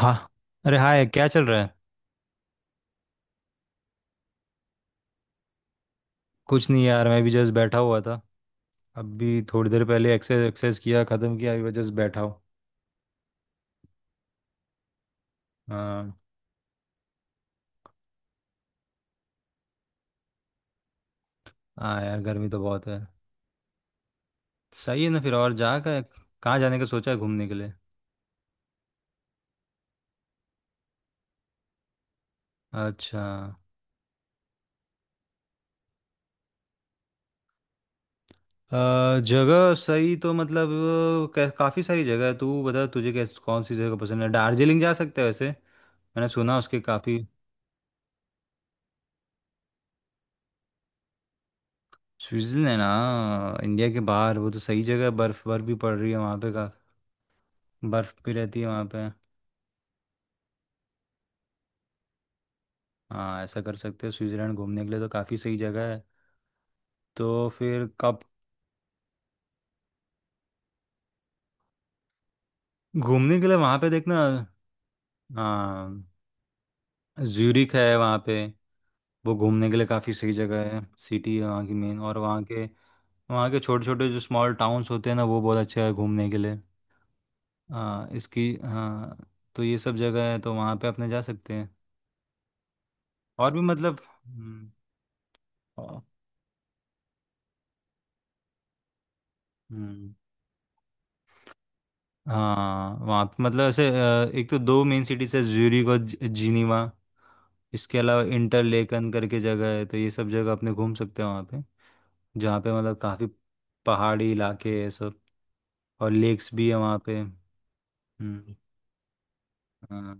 हाँ। अरे हाय, क्या चल रहा है। कुछ नहीं यार, मैं भी जस्ट बैठा हुआ था। अभी थोड़ी देर पहले एक्सरसाइज एक्सरसाइज किया, ख़त्म किया। अभी जस्ट बैठा हूँ। हाँ। हाँ यार, गर्मी तो बहुत है। सही है ना फिर। और जा का। कहाँ जाने का सोचा है घूमने के लिए। अच्छा। जगह सही तो मतलब। काफ़ी सारी जगह है। तू बता तुझे कैस कौन सी जगह पसंद है। दार्जिलिंग जा सकते हैं, वैसे मैंने सुना उसके काफ़ी। स्विट्ज़रलैंड ना, इंडिया के बाहर वो तो सही जगह है। बर्फ़ बर्फ़ भी पड़ रही है वहाँ पे का। बर्फ़ भी रहती है वहाँ पे। हाँ, ऐसा कर सकते हो। स्विट्जरलैंड घूमने के लिए तो काफ़ी सही जगह है। तो फिर कब। घूमने के लिए वहाँ पे देखना। हाँ, ज्यूरिक है वहाँ पे। वो घूमने के लिए काफ़ी सही जगह है। सिटी है वहाँ की मेन, और वहाँ के। वहाँ के छोटे छोटे जो स्मॉल टाउन्स होते हैं ना, वो बहुत अच्छे हैं घूमने के लिए। हाँ इसकी। हाँ। तो ये सब जगह है तो वहाँ पे अपने जा सकते हैं। और भी मतलब। हम्म, और- हम्म, हाँ, वहाँ पे मतलब ऐसे, एक तो दो मेन सिटीज है, ज्यूरिक और जिनीवा। इसके अलावा इंटर लेकन करके जगह है, तो ये सब जगह अपने घूम सकते हैं वहाँ पे। जहाँ पे मतलब काफ़ी पहाड़ी इलाके हैं सब। और लेक्स भी है वहाँ पे। हम्म। हाँ।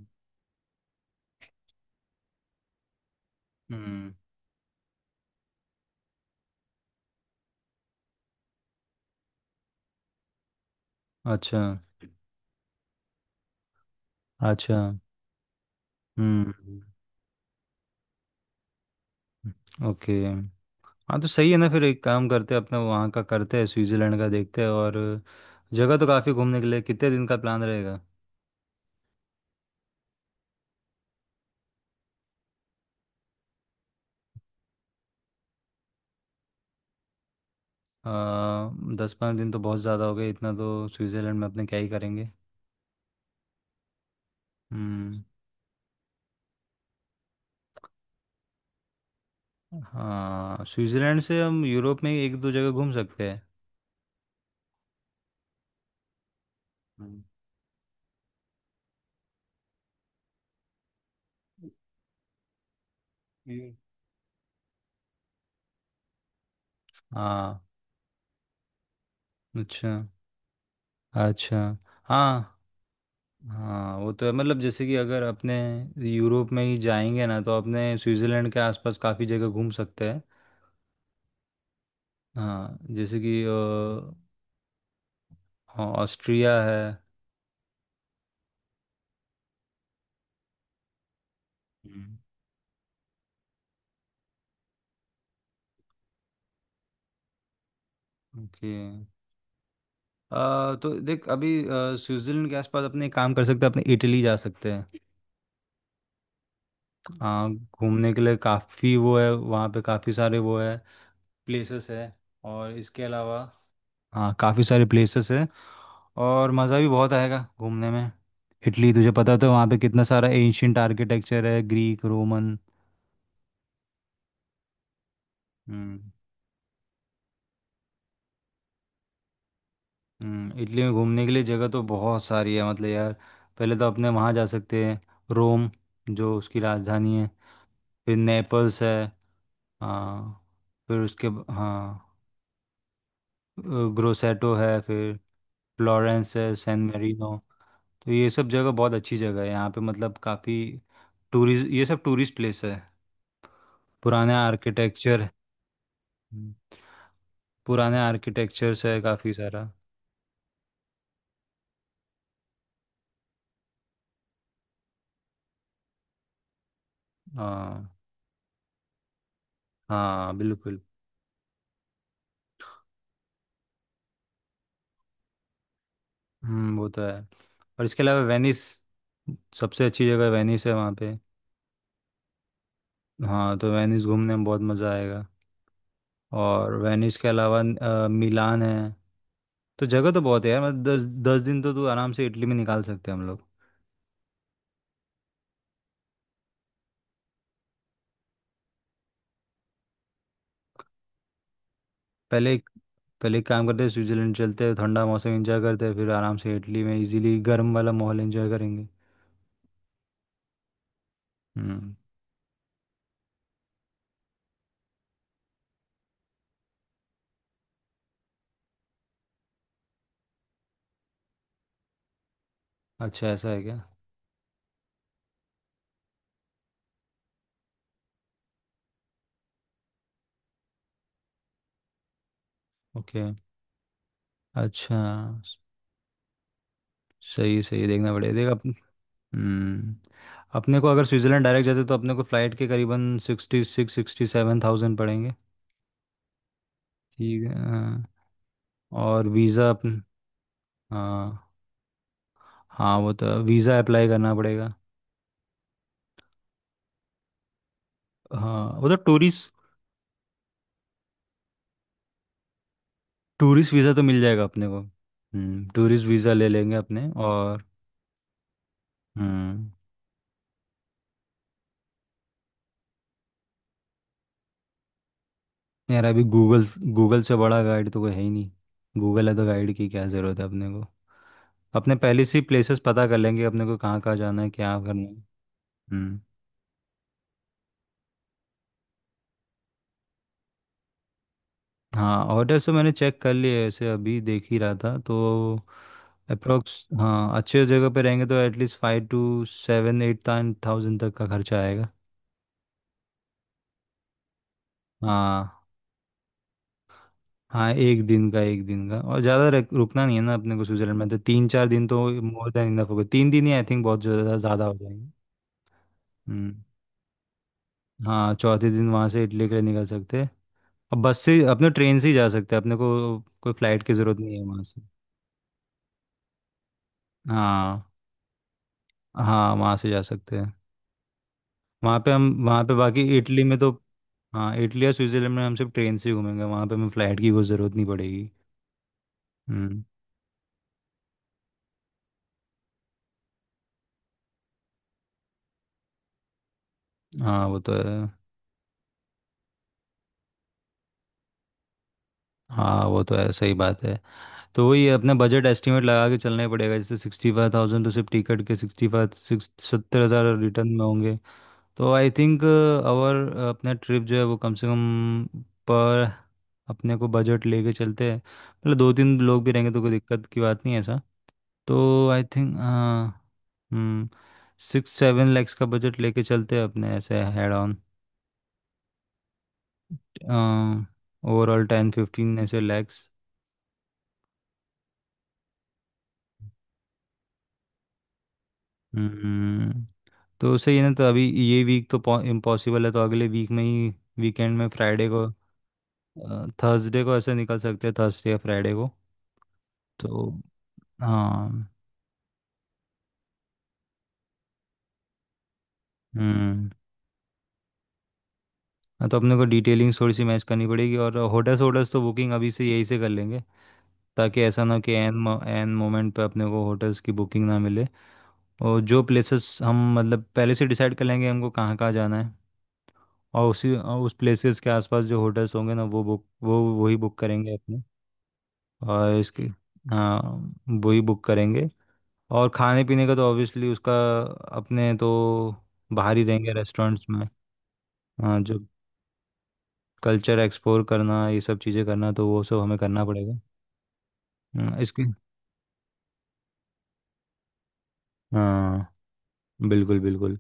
हम्म। अच्छा अच्छा। हम्म। ओके। हाँ, तो सही है ना फिर। एक काम करते हैं, अपना वहाँ का करते हैं, स्विट्ज़रलैंड का देखते हैं। और जगह तो काफ़ी घूमने के लिए। कितने दिन का प्लान रहेगा। आ, 10 5 दिन तो बहुत ज़्यादा हो गए। इतना तो स्विट्ज़रलैंड में अपने क्या ही करेंगे। हम्म। हाँ, स्विट्जरलैंड से हम यूरोप में एक दो जगह घूम सकते हैं। हम्म, ये- हाँ। अच्छा अच्छा। हाँ हाँ, वो तो है मतलब, जैसे कि अगर अपने यूरोप में ही जाएंगे ना, तो अपने स्विट्जरलैंड के आसपास काफ़ी जगह घूम सकते हैं। हाँ, जैसे कि हाँ, ऑस्ट्रिया है। हम्म, ओके। तो देख अभी, स्विट्जरलैंड के आसपास अपने एक काम कर सकते हैं, अपने इटली जा सकते हैं। घूमने के लिए काफ़ी वो है। वहाँ पे काफ़ी सारे वो है, प्लेसेस है। और इसके अलावा हाँ, काफ़ी सारे प्लेसेस है। और मज़ा भी बहुत आएगा घूमने में। इटली तुझे पता तो है, वहाँ पे कितना सारा एंशियंट आर्किटेक्चर है, ग्रीक रोमन। हम्म। इटली में घूमने के लिए जगह तो बहुत सारी है मतलब यार। पहले तो अपने वहाँ जा सकते हैं, रोम, जो उसकी राजधानी है। फिर नेपल्स है। हाँ। फिर उसके हाँ। ग्रोसेटो है फिर। फ्लोरेंस है, सैन मेरिनो। तो ये सब जगह बहुत अच्छी जगह है यहाँ पे, मतलब काफ़ी टूरिस्ट, ये सब टूरिस्ट प्लेस है। पुराने आर्किटेक्चर, पुराने आर्किटेक्चर्स है काफ़ी सारा। हाँ। हाँ बिल्कुल। हम्म। वो तो है। और इसके अलावा वेनिस। सबसे अच्छी जगह वेनिस है वहाँ पे। हाँ, तो वेनिस घूमने में बहुत मज़ा आएगा। और वेनिस के अलावा मिलान है। तो जगह तो बहुत है यार, मतलब दस दस दिन तो तू आराम से इटली में निकाल सकते हैं हम लोग। पहले पहले एक काम करते हैं, स्विट्जरलैंड चलते हैं, ठंडा मौसम एंजॉय करते हैं, फिर आराम से इटली में इजीली गर्म वाला माहौल एंजॉय करेंगे। हम्म। अच्छा, ऐसा है क्या। ओके। अच्छा। स- सही सही देखना पड़ेगा, देख हम्म। अपने को अगर स्विट्जरलैंड डायरेक्ट जाते तो अपने को फ़्लाइट के करीबन 66 67 हज़ार पड़ेंगे। ठीक है। हाँ। और वीज़ा हाँ। हाँ वो तो वीज़ा अप्लाई करना पड़ेगा। हाँ, वो तो टूरिस्ट, टूरिस्ट वीज़ा तो मिल जाएगा अपने को। हम्म। टूरिस्ट वीज़ा ले लेंगे अपने। और हम्म। यार अभी गूगल, गूगल से बड़ा गाइड तो कोई है ही नहीं। गूगल है तो गाइड की क्या ज़रूरत है अपने को। अपने पहले से ही प्लेसेस पता कर लेंगे, अपने को कहाँ कहाँ जाना है, क्या करना है। हम्म। हाँ ऑर्डर्स तो मैंने चेक कर लिए, ऐसे अभी देख ही रहा था तो। अप्रोक्स, हाँ, अच्छे जगह पे रहेंगे तो एटलीस्ट 5 से 7 8 हज़ार तक का खर्चा आएगा। हाँ हाँ, एक दिन का, एक दिन का। और ज़्यादा रुकना नहीं है ना अपने को स्विट्जरलैंड में तो। 3 4 दिन तो मोर देन इनफ होगा। 3 दिन ही आई थिंक बहुत ज़्यादा ज़्यादा हो जाएंगे। हम्म। हाँ, चौथे दिन वहाँ से इटली के लिए निकल सकते हैं। अब बस से, अपने ट्रेन से ही जा सकते हैं। अपने को कोई फ्लाइट की ज़रूरत नहीं है वहाँ से। हाँ। हाँ, वहाँ से जा सकते हैं। वहाँ पे हम, वहाँ पे बाकी इटली में तो हाँ, इटली या स्विट्ज़रलैंड में हम सिर्फ ट्रेन से ही घूमेंगे। वहाँ पे हमें फ़्लाइट की कोई ज़रूरत नहीं पड़ेगी। हम्म। हाँ वो तो है। हाँ वो तो है, सही बात है। तो वही है, अपना बजट एस्टिमेट लगा के चलना ही पड़ेगा। जैसे 65 हज़ार तो सिर्फ टिकट के, 65 66 70 हज़ार रिटर्न में होंगे। तो आई थिंक आवर अपना ट्रिप जो है वो कम से कम, पर अपने को बजट लेके चलते हैं। मतलब दो तीन लोग भी रहेंगे तो कोई दिक्कत की बात नहीं है ऐसा। तो आई थिंक हाँ। हम्म। 6 7 लाख का बजट लेके चलते हैं अपने ऐसे हेड ऑन। ओवरऑल 10 15 ऐसे लैक्स। हम्म। तो सही है ना, तो अभी ये वीक तो इम्पॉसिबल है, तो अगले वीक में ही, वीकेंड में, फ्राइडे को, थर्सडे को ऐसे निकल सकते हैं, थर्सडे या फ्राइडे को। तो हाँ। हम्म। हाँ, तो अपने को डिटेलिंग थोड़ी सी मैच करनी पड़ेगी और होटल्स, होटल्स तो बुकिंग अभी से यही से कर लेंगे, ताकि ऐसा ना हो कि एन एन मोमेंट पे अपने को होटल्स की बुकिंग ना मिले। और जो प्लेसेस हम मतलब पहले से डिसाइड कर लेंगे, हमको कहाँ कहाँ जाना है, और उसी, और उस प्लेसेस के आसपास जो होटल्स होंगे ना, वो बुक, वो वही बुक करेंगे अपने। और इसके हाँ, वही बुक करेंगे। और खाने पीने का तो ऑब्वियसली उसका अपने तो बाहर ही रहेंगे रेस्टोरेंट्स में। हाँ, जो कल्चर एक्सप्लोर करना, ये सब चीज़ें करना, तो वो सब हमें करना पड़ेगा। इसके हाँ, बिल्कुल बिल्कुल।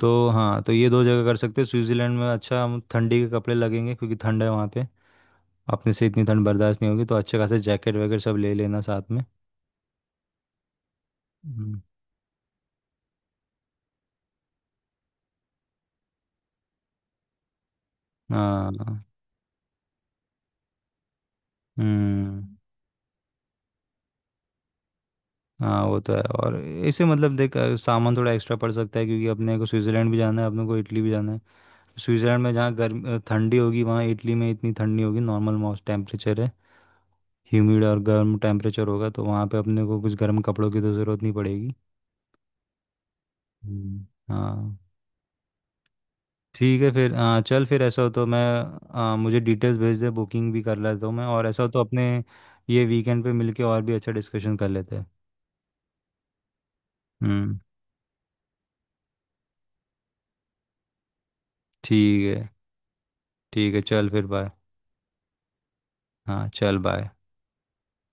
तो हाँ, तो ये दो जगह कर सकते हैं, स्विट्ज़रलैंड में। अच्छा, हम ठंडी के कपड़े लगेंगे क्योंकि ठंड है वहाँ पे। अपने से इतनी ठंड बर्दाश्त नहीं होगी, तो अच्छे खासे जैकेट वगैरह सब ले लेना साथ में। हम्म, हाँ। हम्म। हाँ वो तो है। और इसे मतलब देख, सामान थोड़ा एक्स्ट्रा पड़ सकता है क्योंकि अपने को स्विट्ज़रलैंड भी जाना है, अपने को इटली भी जाना है। स्विट्ज़रलैंड में जहाँ गर्म, ठंडी होगी, वहाँ इटली में इतनी ठंडी होगी, नॉर्मल मौसम टेम्परेचर है। ह्यूमिड और गर्म टेम्परेचर होगा, तो वहाँ पे अपने को कुछ गर्म कपड़ों की तो ज़रूरत नहीं पड़ेगी। हम्म, हाँ। ठीक है फिर, हाँ चल फिर ऐसा हो तो मैं, हाँ, मुझे डिटेल्स भेज दे, बुकिंग भी कर लेता हूँ मैं। और ऐसा हो तो अपने ये वीकेंड पे मिलके और भी अच्छा डिस्कशन कर लेते हैं। हम्म। ठीक है। ठीक है चल फिर, बाय। हाँ चल बाय।